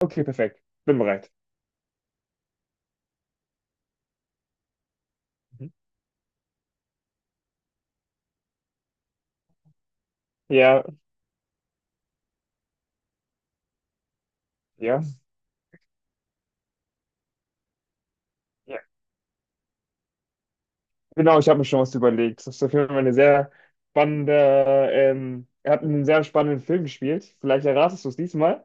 Okay, perfekt. Bin bereit. Mhm. Ja, ja, ja. Genau, ich habe mir schon was überlegt. Das ist auf jeden Fall eine sehr spannende, er hat einen sehr spannenden Film gespielt. Vielleicht erratest du es diesmal.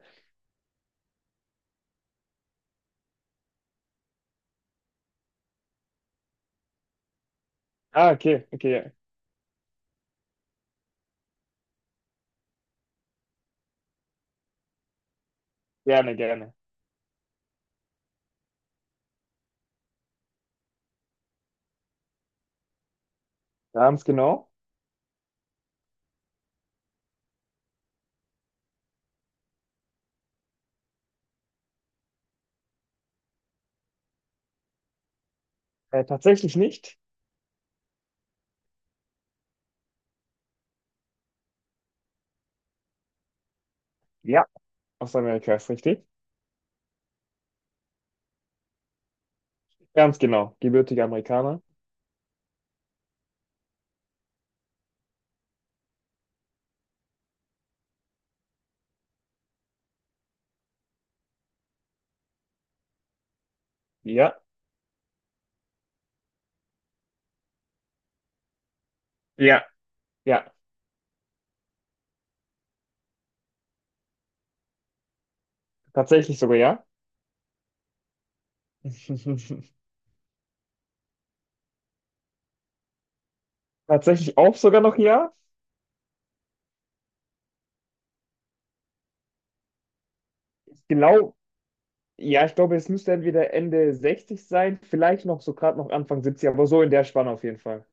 Ah, okay, okay, ja. Gerne, gerne. Ganz genau. Tatsächlich nicht. Ja. Aus Amerika ist richtig. Ganz genau. Gebürtiger Amerikaner. Ja. Ja. Ja. Tatsächlich sogar, ja. Tatsächlich auch sogar noch, ja. Genau. Ja, ich glaube, es müsste entweder Ende 60 sein, vielleicht noch so gerade noch Anfang 70, aber so in der Spanne auf jeden Fall.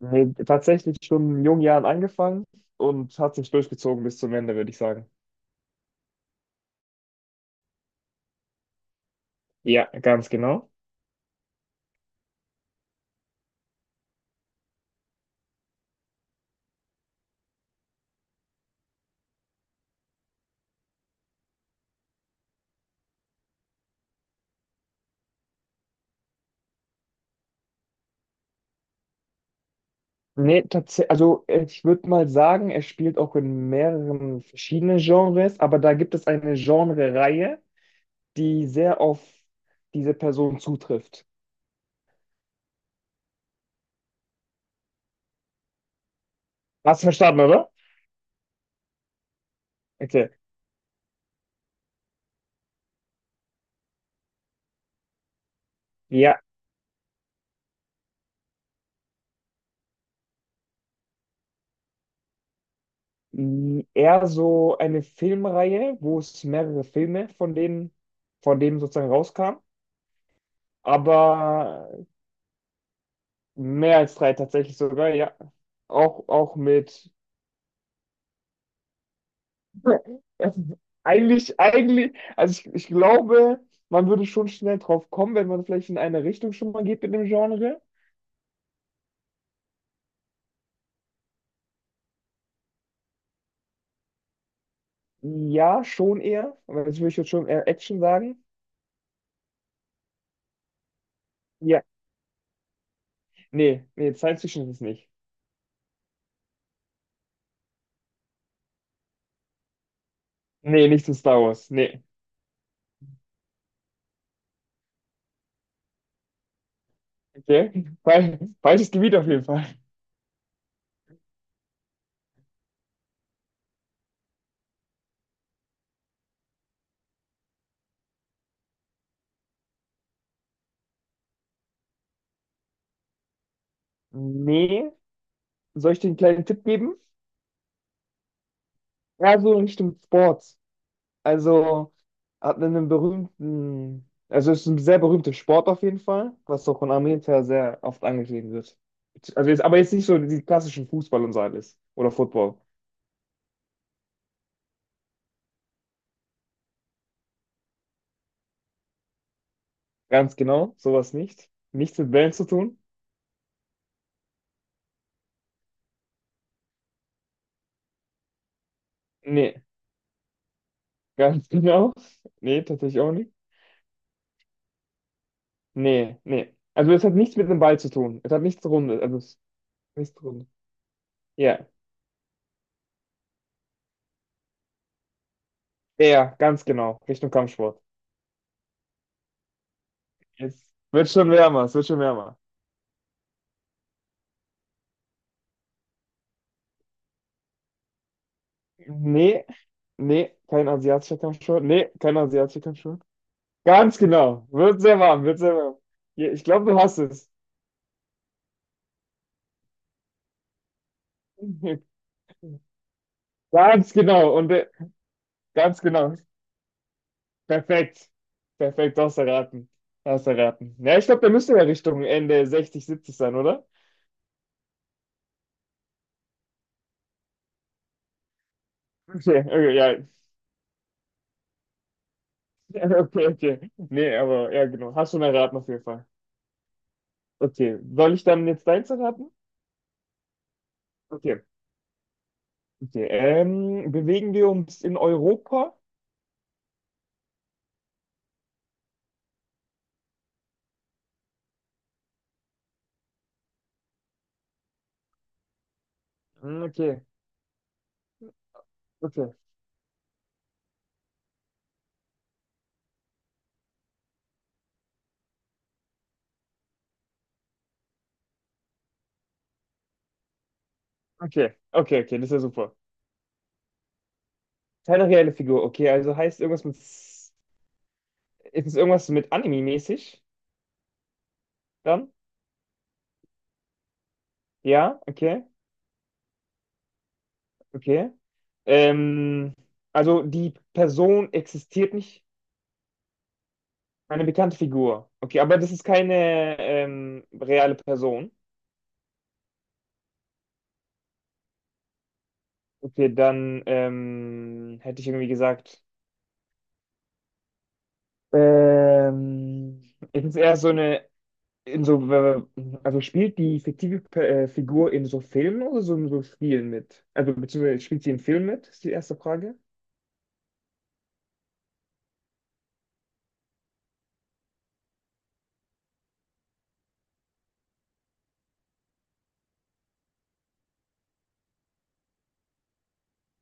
Nee, tatsächlich schon in jungen Jahren angefangen und hat sich durchgezogen bis zum Ende, würde ich sagen. Ja, ganz genau. Nee, tatsächlich, also ich würde mal sagen, er spielt auch in mehreren verschiedenen Genres, aber da gibt es eine Genre-Reihe, die sehr auf diese Person zutrifft. Hast du verstanden, oder? Okay. Ja. Mh, eher so eine Filmreihe, wo es mehrere Filme von dem sozusagen rauskam. Aber mehr als drei tatsächlich sogar, ja. Auch, auch mit. Eigentlich, also ich glaube, man würde schon schnell drauf kommen, wenn man vielleicht in eine Richtung schon mal geht mit dem Genre. Ja, schon eher. Aber jetzt würde ich jetzt schon eher Action sagen. Ja, nee, nee, Science Fiction ist es nicht. Nee, nicht zu Star Wars. Nee. Okay. Falsches Gebiet auf jeden Fall. Nee, soll ich dir einen kleinen Tipp geben? Ja, so in Richtung Sports. Also hat einen berühmten, also ist ein sehr berühmter Sport auf jeden Fall, was auch in Amerika sehr oft angeschrieben wird. Also jetzt, aber jetzt nicht so die klassischen Fußball und so alles. Oder Football. Ganz genau, sowas nicht. Nichts mit Bällen zu tun. Nee, ganz genau. Nee, tatsächlich auch nicht. Nee, nee. Also es hat nichts mit dem Ball zu tun. Es hat nichts Runde, also es ist nichts Runde. Ja, ja, ganz genau. Richtung Kampfsport. Es wird schon wärmer, es wird schon wärmer. Nee, nee, kein asiatischer Kampfsport. Nee, kein asiatischer Kampfsport. Ganz genau. Wird sehr warm, wird sehr warm. Ja, ich glaube, du hast es. Ganz genau. Und ganz genau. Perfekt. Perfekt, du hast erraten. Du hast erraten. Ja, ich glaube, da müsste ja Richtung Ende 60, 70 sein, oder? Okay, okay, ja. Okay, okay. Nee, aber ja, genau. Hast schon erraten auf jeden Fall. Okay. Soll ich dann jetzt deins erraten? Okay. Okay, bewegen wir uns in Europa? Hm, okay, okay, okay, okay, okay, das ist ja super. Keine reelle Figur, okay, also heißt irgendwas mit, ist es irgendwas mit Anime-mäßig dann? Ja, okay, okay. Ähm, also die Person existiert nicht, eine bekannte Figur. Okay, aber das ist keine reale Person. Okay, dann hätte ich irgendwie gesagt, ähm, ich muss eher so eine in so, also spielt die fiktive Figur in so Filmen oder so in so Spielen mit? Also beziehungsweise spielt sie in Filmen mit, ist die erste Frage.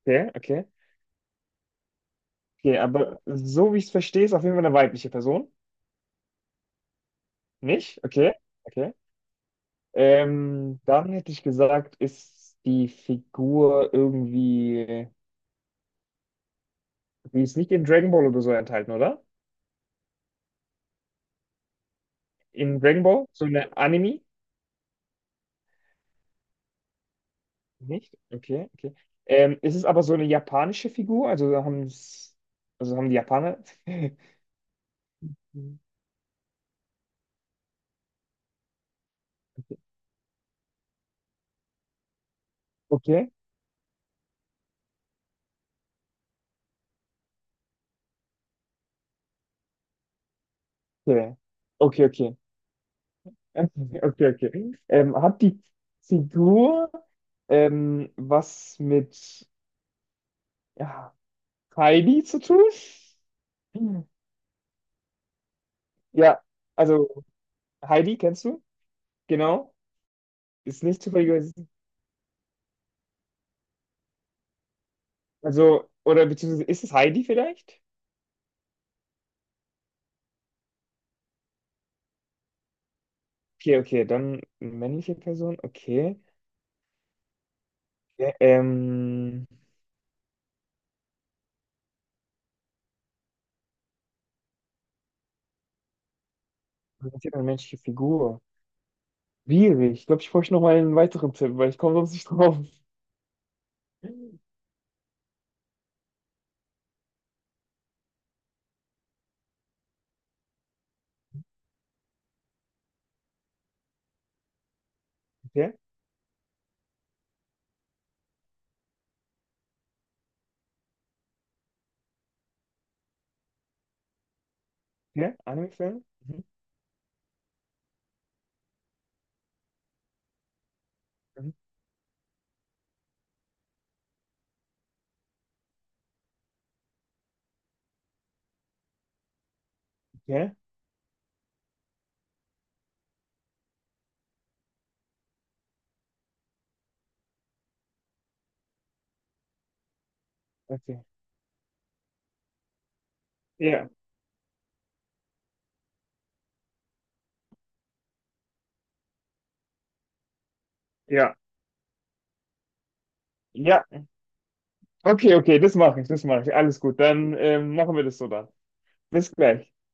Okay, okay. Okay, aber so wie ich es verstehe, ist auf jeden Fall eine weibliche Person. Nicht? Okay, okay. Dann hätte ich gesagt, ist die Figur irgendwie, die ist nicht in Dragon Ball oder so enthalten, oder? In Dragon Ball? So eine Anime? Nicht? Okay, okay. Ist es aber so eine japanische Figur? Also haben es, also haben die Japaner? Mhm. Okay, okay, okay, okay, okay, okay. Hat die Figur was mit ja, Heidi zu tun? Hm. Ja, also Heidi kennst du? Genau, ist nicht zufällig. Also, oder beziehungsweise ist es Heidi vielleicht? Okay, okay, dann männliche Person, okay. Ja, was ist denn eine menschliche Figur? Schwierig. Ich glaube, ich brauche noch mal einen weiteren Tipp, weil ich komme sonst nicht drauf. Okay. Ja, Anime-Film? Mhm. Mhm. Ja, okay. Ja, ja, ja. Okay, okay, das mache ich, das mache ich. Alles gut, dann machen wir das so dann. Bis gleich.